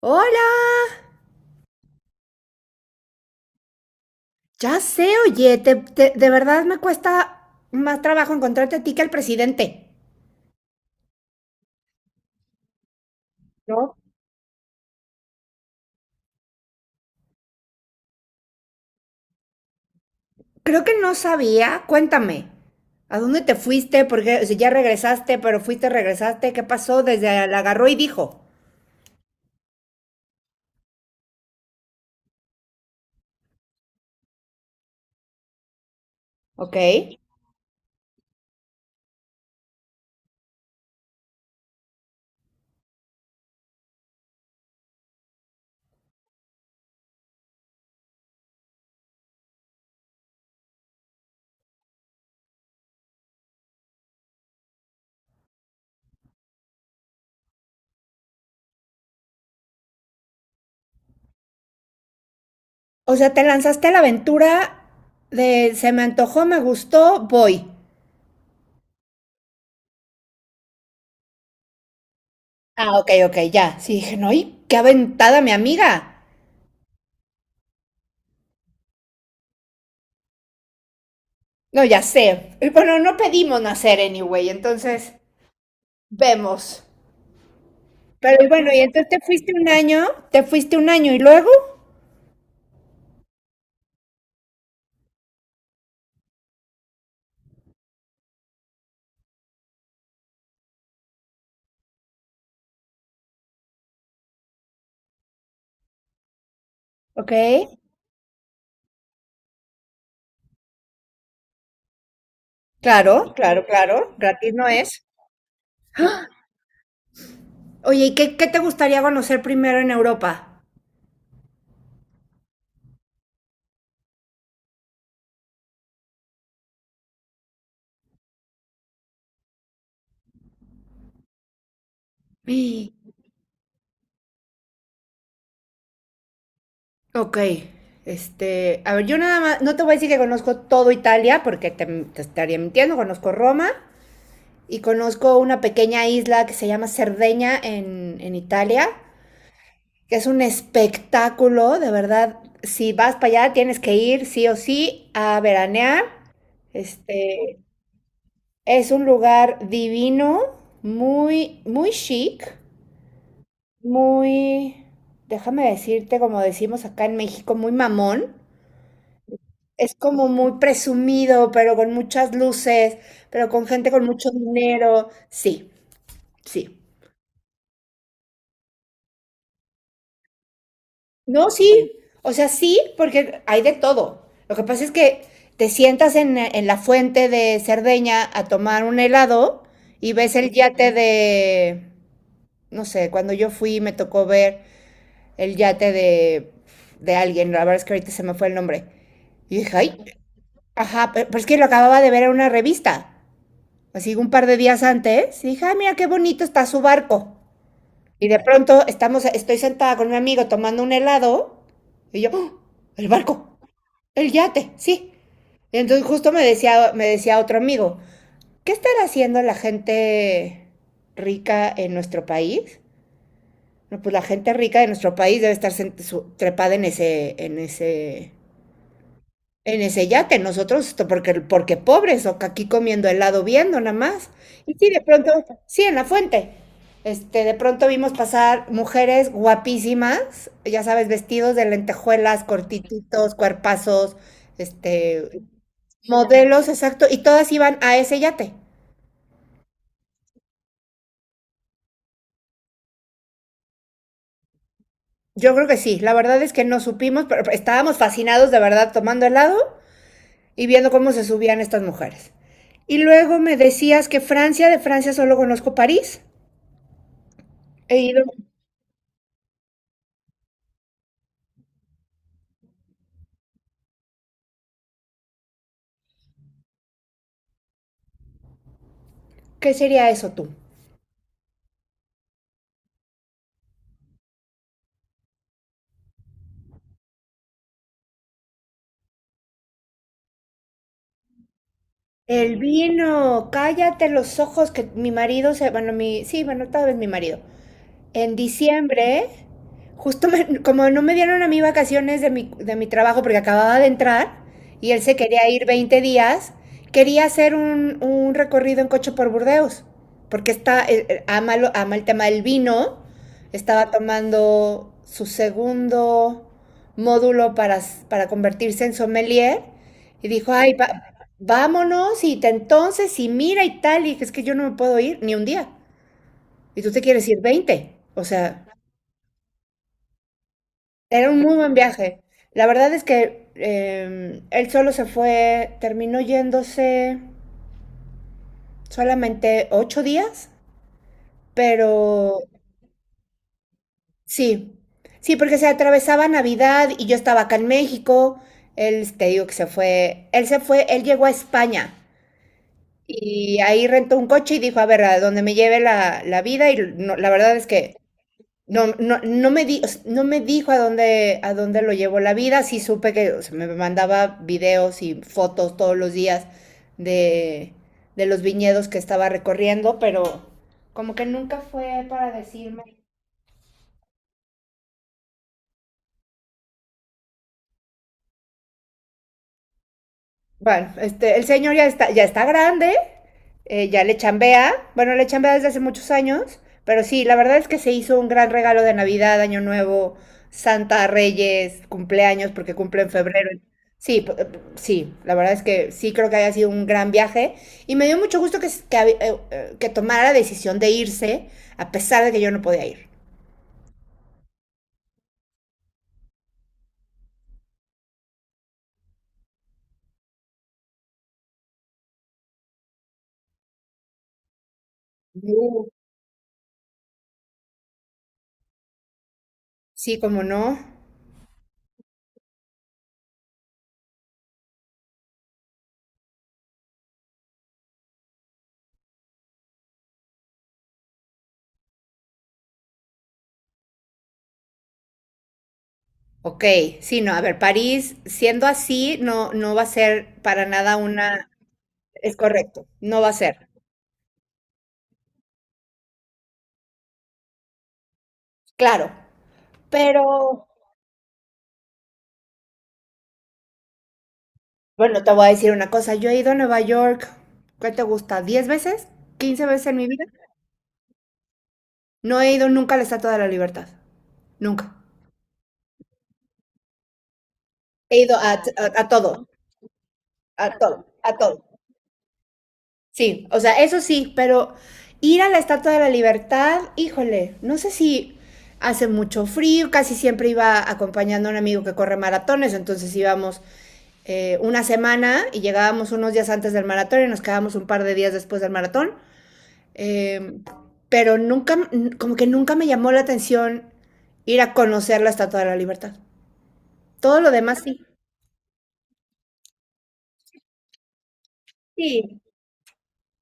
Hola, ya sé, oye, de verdad me cuesta más trabajo encontrarte a ti que al presidente. No. Creo que no sabía, cuéntame, ¿a dónde te fuiste? Porque, o ya regresaste, pero fuiste, regresaste, ¿qué pasó? Desde la agarró y dijo. Ok. O sea, te lanzaste a la aventura de se me antojó, me gustó, voy. Ah, ok, ok, ya. Sí, dije, no, y qué aventada mi amiga. No, ya sé. Bueno, no pedimos nacer anyway, entonces vemos. Pero y bueno, y entonces te fuiste un año, te fuiste un año y luego, ok, claro, claro, claro, gratis no es. ¡Ah! Oye, ¿y qué, qué te gustaría conocer primero en Europa? ¡Ah! Ok, este, a ver, yo nada más, no te voy a decir que conozco todo Italia, porque te estaría mintiendo, conozco Roma y conozco una pequeña isla que se llama Cerdeña en Italia, que es un espectáculo, de verdad. Si vas para allá, tienes que ir sí o sí a veranear. Este es un lugar divino, muy, muy chic, muy, déjame decirte, como decimos acá en México, muy mamón. Es como muy presumido, pero con muchas luces, pero con gente con mucho dinero. Sí, sí. No, sí, o sea, sí, porque hay de todo. Lo que pasa es que te sientas en la fuente de Cerdeña a tomar un helado y ves el yate de, no sé, cuando yo fui me tocó ver el yate de alguien, la verdad es que ahorita se me fue el nombre. Y dije, ay, ajá, pero, es que lo acababa de ver en una revista, así un par de días antes, y dije, ah, mira qué bonito está su barco. Y de pronto estoy sentada con mi amigo tomando un helado y yo, ¡oh! El barco. El yate, sí. Y entonces justo me decía otro amigo, ¿qué estará haciendo la gente rica en nuestro país? No, pues la gente rica de nuestro país debe estar trepada en ese, en ese yate. Nosotros, esto porque, porque pobres, o que aquí comiendo helado viendo nada más. Y sí, de pronto, sí, en la fuente. Este, de pronto vimos pasar mujeres guapísimas, ya sabes, vestidos de lentejuelas, cortititos, cuerpazos, este, modelos, exacto, y todas iban a ese yate. Yo creo que sí, la verdad es que no supimos, pero estábamos fascinados de verdad tomando helado y viendo cómo se subían estas mujeres. Y luego me decías que Francia, de Francia solo conozco París. He ido. ¿Qué sería eso tú? El vino, cállate los ojos que mi marido se, bueno, mi, sí, bueno, tal vez mi marido. En diciembre, justo como no me dieron a mí vacaciones de mi trabajo porque acababa de entrar y él se quería ir 20 días, quería hacer un recorrido en coche por Burdeos, porque está, ama, ama el tema del vino, estaba tomando su segundo módulo para, para convertirse en sommelier y dijo, ay, vámonos y entonces y mira y tal, y dije, es que yo no me puedo ir ni un día y tú te quieres ir 20 o sea... Era un muy buen viaje. La verdad es que él solo se fue, terminó yéndose solamente 8 días, pero sí, sí, porque se atravesaba Navidad y yo estaba acá en México. Él, te digo que se fue, él llegó a España y ahí rentó un coche y dijo, a ver, a donde me lleve la, la vida y la verdad es que no, no, no o sea, no me dijo a dónde lo llevó la vida. Sí supe que o sea, me mandaba videos y fotos todos los días de, de los viñedos que estaba recorriendo, pero como que nunca fue para decirme. Bueno, este, el señor ya está grande, ya le chambea, bueno, le chambea desde hace muchos años, pero sí, la verdad es que se hizo un gran regalo de Navidad, Año Nuevo, Santa, Reyes, cumpleaños, porque cumple en febrero. Sí, sí, la verdad es que sí creo que haya sido un gran viaje y me dio mucho gusto que, que tomara la decisión de irse a pesar de que yo no podía ir. Uh. Sí, cómo no. Ok, sí, no, a ver, París, siendo así, no, no va a ser para nada una, es correcto, no va a ser. Claro, pero bueno, te voy a decir una cosa. Yo he ido a Nueva York, ¿qué te gusta? ¿10 veces? ¿15 veces en mi vida? No he ido nunca a la Estatua de la Libertad. Nunca. He ido a, a todo, a todo, a todo. Sí, o sea, eso sí, pero ir a la Estatua de la Libertad, híjole, no sé si hace mucho frío, casi siempre iba acompañando a un amigo que corre maratones, entonces íbamos una semana y llegábamos unos días antes del maratón y nos quedábamos un par de días después del maratón. Eh, pero nunca, como que nunca me llamó la atención ir a conocer la Estatua de la Libertad. Todo lo demás sí. Sí,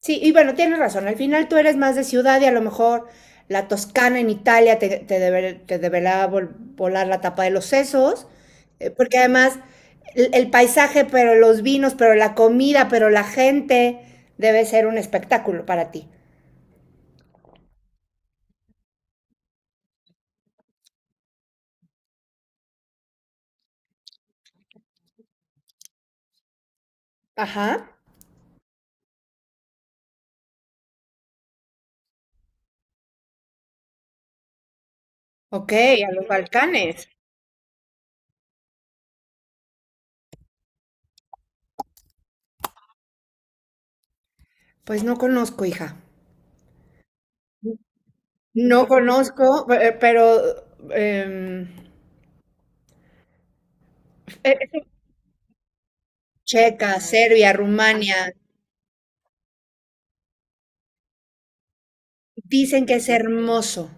sí, y bueno, tienes razón. Al final tú eres más de ciudad y a lo mejor la Toscana en Italia te deberá volar la tapa de los sesos, porque además el paisaje, pero los vinos, pero la comida, pero la gente debe ser un espectáculo para ti. Ajá, ok, a los Balcanes. Pues no conozco, hija. No conozco, pero em, eh, eh, Checa, Serbia, Rumania, dicen que es hermoso.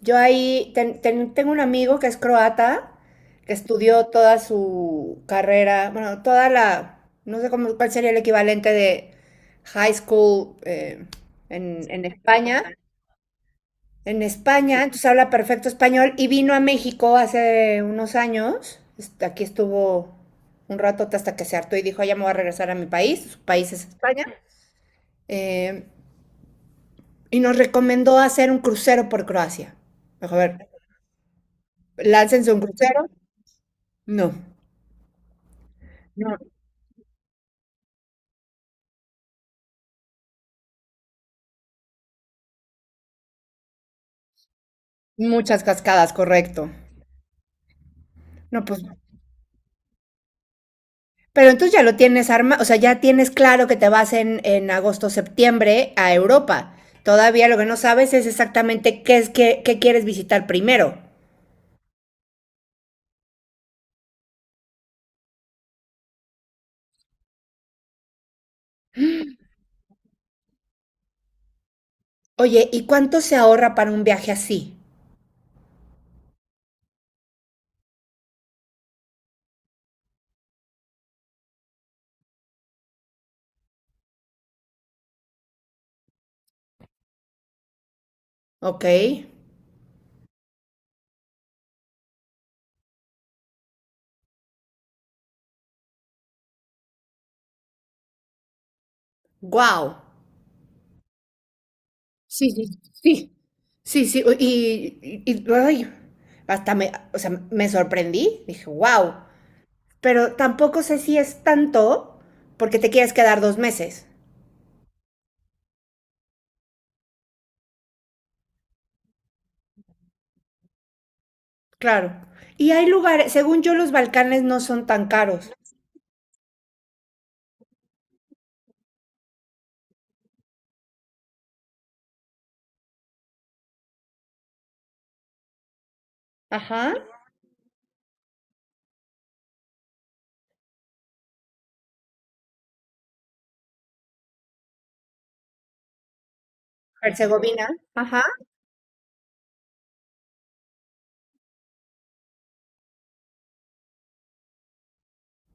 Yo ahí tengo un amigo que es croata, que estudió toda su carrera, bueno, toda la, no sé cómo, cuál sería el equivalente de high school en España. En España, entonces habla perfecto español y vino a México hace unos años. Aquí estuvo un rato hasta que se hartó y dijo, "Ah, ya me voy a regresar a mi país", su país es España. Eh, y nos recomendó hacer un crucero por Croacia. Me dijo, a ver, láncense un crucero. No, no, muchas cascadas, correcto. No, pues pero entonces ya lo tienes arma, o sea, ya tienes claro que te vas en agosto, septiembre a Europa. Todavía lo que no sabes es exactamente qué es qué, qué quieres visitar primero. Oye, ¿y cuánto se ahorra para un viaje así? Ok. Wow. Sí, sí, sí. Sí, sí, ay, hasta me, o sea, me sorprendí, dije, wow, pero tampoco sé si es tanto porque te quieres quedar 2 meses. Claro. Y hay lugares, según yo, los Balcanes no son tan caros. Ajá. Herzegovina. Ajá.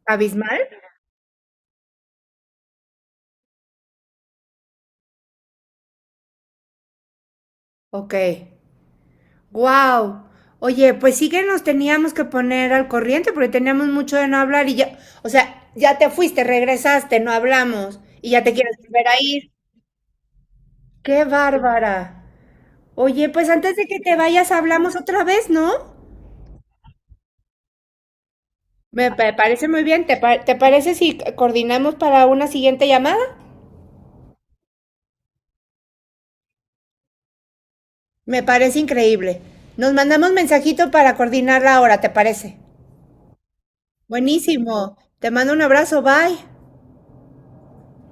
Abismal. Ok. Wow. Oye, pues sí que nos teníamos que poner al corriente porque teníamos mucho de no hablar y ya, o sea, ya te fuiste, regresaste, no hablamos y ya te quieres volver a ir. ¡Qué bárbara! Oye, pues antes de que te vayas hablamos otra vez, ¿no? Parece muy bien. ¿Te, te parece si coordinamos para una siguiente llamada? Me parece increíble. Nos mandamos mensajito para coordinar la hora, ¿te parece? Buenísimo. Te mando un abrazo, bye.